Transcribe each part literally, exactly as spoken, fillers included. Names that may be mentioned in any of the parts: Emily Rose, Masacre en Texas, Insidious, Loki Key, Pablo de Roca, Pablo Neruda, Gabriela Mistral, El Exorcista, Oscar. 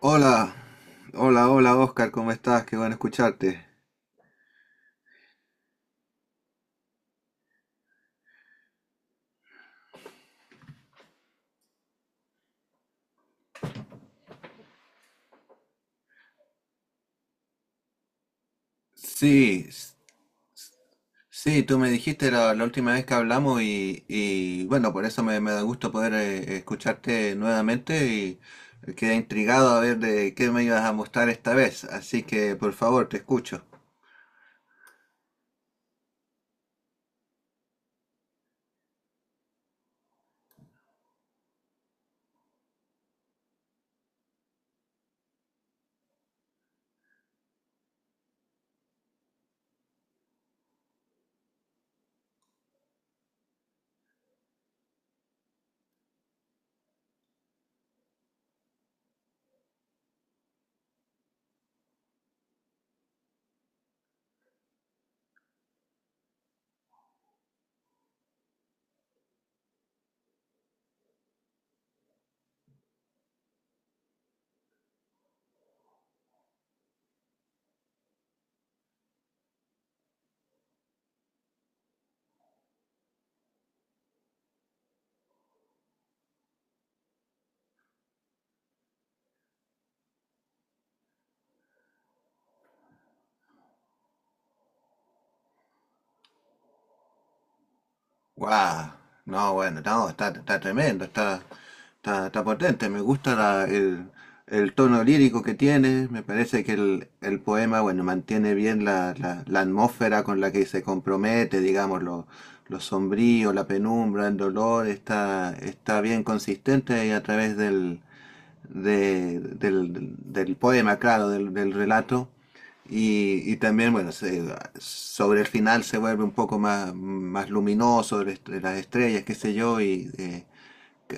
Hola, hola, hola Oscar, ¿cómo estás? Qué bueno escucharte. Sí, s- sí, tú me dijiste la, la última vez que hablamos y, y, bueno, por eso me, me da gusto poder eh, escucharte nuevamente y quedé intrigado a ver de qué me ibas a mostrar esta vez, así que por favor, te escucho. Guau, no, bueno, no, está, está, tremendo, está, está, está potente, me gusta la- el, el tono lírico que tiene, me parece que el, el poema, bueno, mantiene bien la, la- la atmósfera con la que se compromete, digamos, lo, lo sombrío, la penumbra, el dolor, está, está bien consistente y a través del, de, del, del poema, claro, del, del relato. Y, y, también, bueno, se, sobre el final se vuelve un poco más, más luminoso, de las estrellas, qué sé yo, y eh,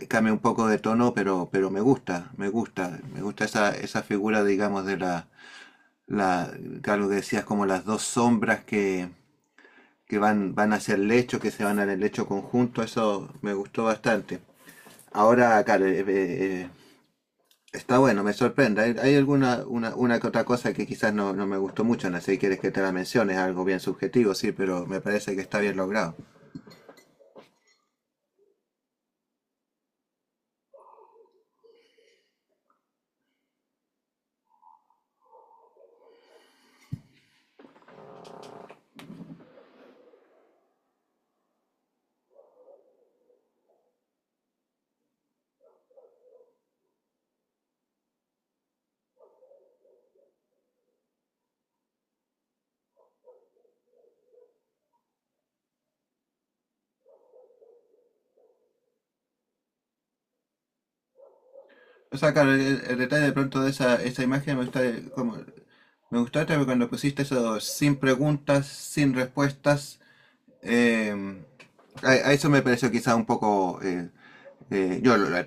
cambia un poco de tono, pero, pero me gusta, me gusta, me gusta esa, esa figura, digamos, de la, la, algo que decías, como las dos sombras que, que van, van hacia el lecho, que se van al lecho conjunto, eso me gustó bastante. Ahora, claro, eh, eh, está bueno, me sorprende. Hay, hay alguna una, una que otra cosa que quizás no, no me gustó mucho, no sé si quieres que te la mencione, es algo bien subjetivo, sí, pero me parece que está bien logrado. O sea, claro, el, el- el detalle de pronto de esa, esa imagen me gusta eh, como me gustó este, porque cuando pusiste eso sin preguntas, sin respuestas, eh, a, a eso me pareció quizás un poco eh, Eh, yo, lo- lo-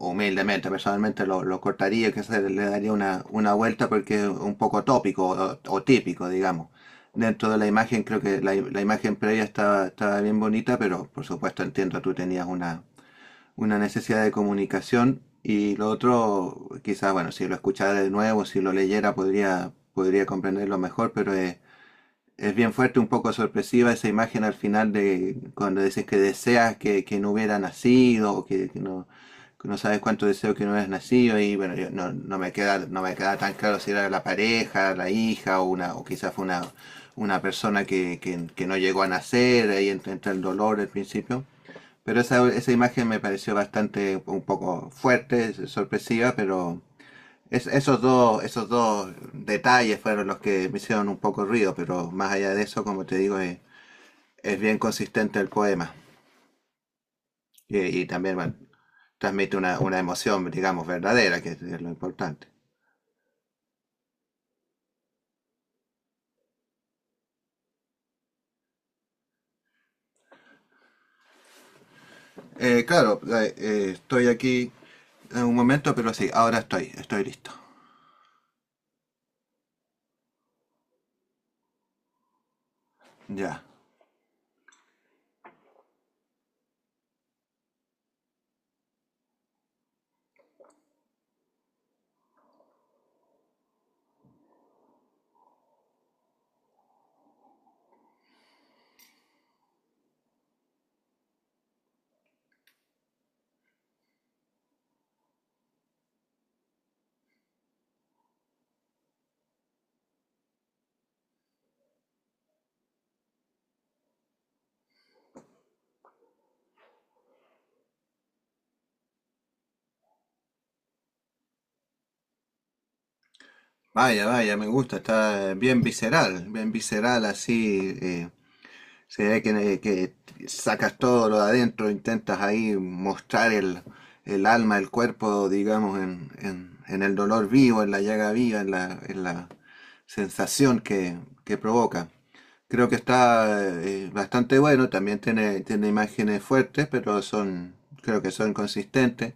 humildemente, personalmente, lo, lo cortaría, que se le daría una, una vuelta porque es un poco tópico o, o típico, digamos. Dentro de la imagen, creo que la, la imagen previa estaba, estaba bien bonita, pero por supuesto entiendo, tú tenías una, una necesidad de comunicación y lo otro, quizás, bueno, si lo escuchara de nuevo, si lo leyera, podría, podría comprenderlo mejor, pero es es bien fuerte, un poco sorpresiva esa imagen al final de cuando dices que deseas que, que no hubiera nacido o que, que no, que no sabes cuánto deseo que no hubieras nacido y bueno, yo- no, no me queda, no me queda tan claro si era la pareja, la hija o una, o quizás fue una, una persona que, que- que no llegó a nacer, ahí entra, entra el dolor al principio. Pero esa, esa imagen me pareció bastante un poco fuerte, sorpresiva, pero es- esos dos, esos dos detalles fueron los que me hicieron un poco ruido, pero más allá de eso, como te digo, es, es bien consistente el poema. Y, y también bueno, transmite una, una emoción, digamos, verdadera, que es lo importante. Eh, claro, eh, eh, estoy aquí en un momento, pero sí, ahora estoy, estoy listo. Ya. Vaya, vaya, me gusta, está bien visceral, bien visceral así, eh, Se ve que, que sacas todo lo de adentro, intentas ahí mostrar el, el alma, el cuerpo, digamos, en, en- en el dolor vivo, en la llaga viva, en la, en la sensación que, que provoca. Creo que está eh, bastante bueno, también tiene, tiene imágenes fuertes, pero son, creo que son consistentes.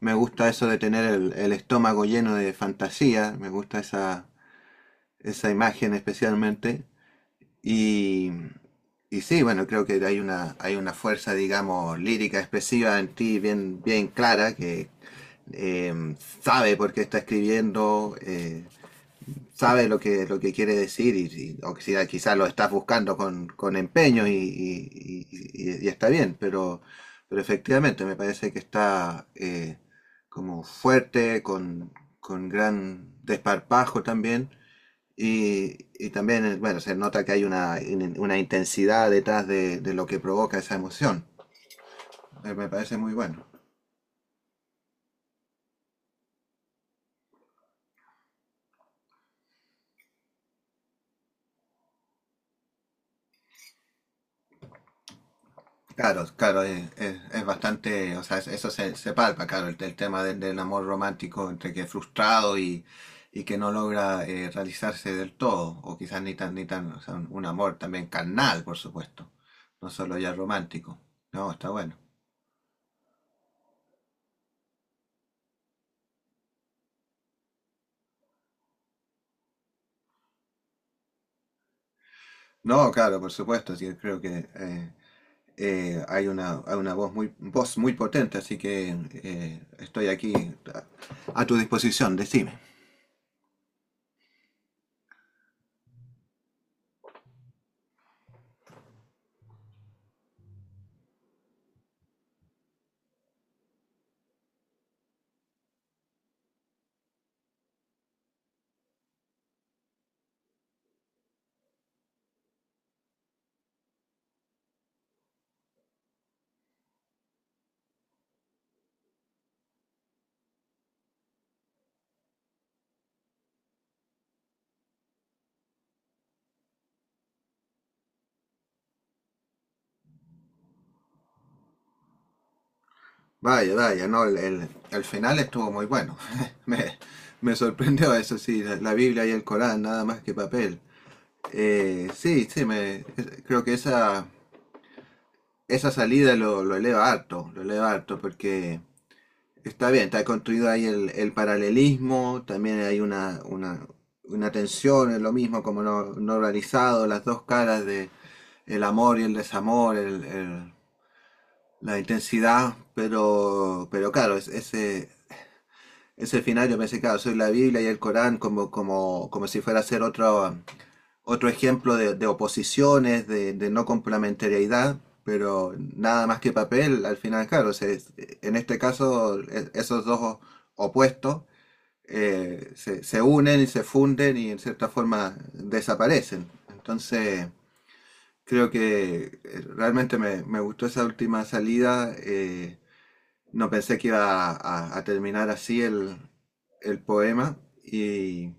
Me gusta eso de tener el, el estómago lleno de fantasía, me gusta esa, esa imagen especialmente. Y, y sí, bueno, creo que hay una, hay una fuerza, digamos, lírica expresiva en ti bien, bien clara que eh, sabe por qué está escribiendo, eh, sabe lo que, lo que quiere decir y, y- o que si- quizás lo estás buscando con, con empeño y, y- y- y- y está bien, pero, pero efectivamente me parece que está eh, como fuerte, con, con gran desparpajo también y, y también, eh, bueno, se nota que hay una, in- una intensidad detrás de, de lo que provoca esa emoción. Eh, Me parece muy bueno. Claro, claro, es, es- es bastante, o sea, es- eso se, se palpa, claro, el, el tema del, del amor romántico entre que frustrado y, y que no logra eh, realizarse del todo, o quizás ni tan, ni tan, o sea, un, un amor también carnal, por supuesto, no solo ya romántico. No, está bueno. No, claro, por supuesto, sí, creo que eh, eh, hay una, hay una voz muy, voz muy potente, así que eh, estoy aquí a, a tu disposición, decime. Vaya, vaya, no, el, el- el final estuvo muy bueno. Me, Me sorprendió eso, sí, la, la Biblia y el Corán, nada más que papel. Eh, sí, sí, me, creo que esa, esa salida lo, lo eleva harto, lo eleva harto, porque está bien, está construido ahí el, el paralelismo, también hay una, una, una tensión, es lo mismo como no, no realizado, las dos caras de el amor y el desamor, el- el- la intensidad, pero, pero claro, es- ese, ese final yo pensé, claro, soy la Biblia y el Corán como, como, como si fuera a ser otro, otro ejemplo de, de oposiciones, de, de no complementariedad, pero nada más que papel, al final, claro, se- en este caso e- esos dos opuestos eh, se, se unen y se funden y en cierta forma desaparecen. Entonces, creo que eh, realmente me, me gustó esa última salida. Eh, no pensé que iba a, a- a terminar así el, el poema y,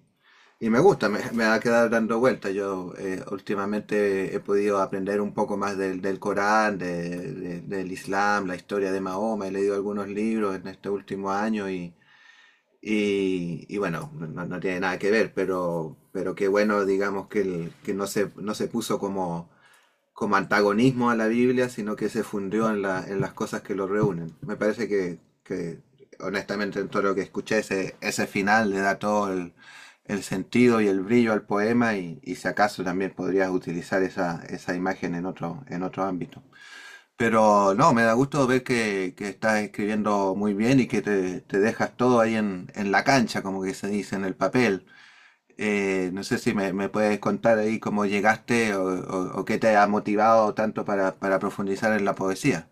y me gusta, me, me va a quedar dando vueltas. Yo eh, últimamente he podido aprender un poco más del, del Corán, de- de- del Islam, la historia de Mahoma. He leído algunos libros en este último año y y, y bueno, no, no no tiene nada que ver, pero, pero qué bueno, digamos, que, el, que no se, no se puso como, como antagonismo a la Biblia, sino que se fundió en, la, en las cosas que lo reúnen. Me parece que, que honestamente, en todo lo que escuché, ese, ese final le da todo el, el sentido y el brillo al poema y, y si acaso también podrías utilizar esa, esa imagen en otro, en otro ámbito. Pero no, me da gusto ver que, que estás escribiendo muy bien y que te, te dejas todo ahí en, en la cancha, como que se dice en el papel. Eh, no sé si me, me puedes contar ahí cómo llegaste o, o- o qué te ha motivado tanto para, para profundizar en la poesía.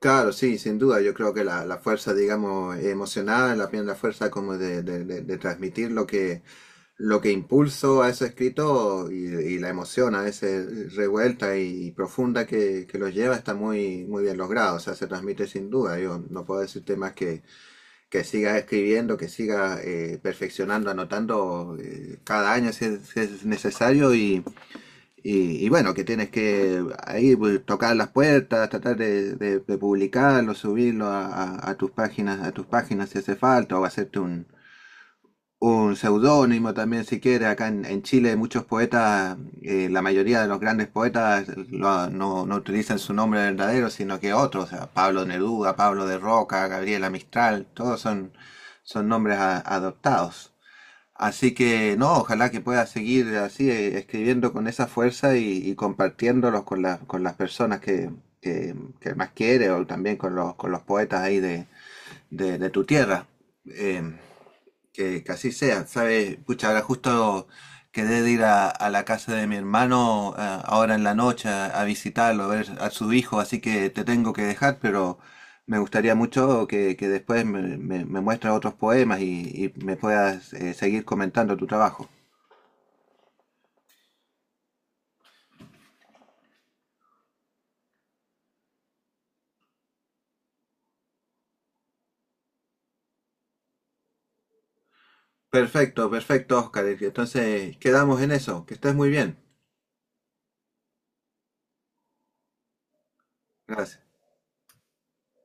Claro, sí, sin duda. Yo creo que la, la fuerza, digamos, emocional, la, la fuerza como de, de- de- de transmitir lo que, lo que impulso a ese escrito y, y la emoción a veces revuelta y profunda que, que los lleva está muy, muy bien logrado, o sea, se transmite sin duda. Yo no puedo decirte más que, que sigas escribiendo, que sigas eh, perfeccionando, anotando eh, cada año si es, si es necesario y, y, y bueno, que tienes que ahí pues, tocar las puertas, tratar de, de- de publicarlo, subirlo a, a- a tus páginas, a tus páginas si hace falta, o hacerte un, un seudónimo también si quiere. Acá en, en Chile muchos poetas, eh, la mayoría de los grandes poetas lo- no, no utilizan su nombre verdadero, sino que otros, o sea, Pablo Neruda, Pablo de Roca, Gabriela Mistral, todos son, son nombres a- adoptados. Así que no, ojalá que pueda seguir así eh, escribiendo con esa fuerza y, y compartiéndolos con, las con las personas que, que, que más quiere o también con los, con los poetas ahí de, de, de tu tierra. Em, que, que así sea, ¿sabes? Pucha, ahora justo quedé de ir a, a la casa de mi hermano eh, ahora en la noche a, a visitarlo, a ver a su hijo, así que te tengo que dejar, pero me gustaría mucho que, que después me, me, me muestres otros poemas y, y me puedas eh, seguir comentando tu trabajo. Perfecto, perfecto, Oscar. Entonces quedamos en eso. Que estés muy bien. Gracias.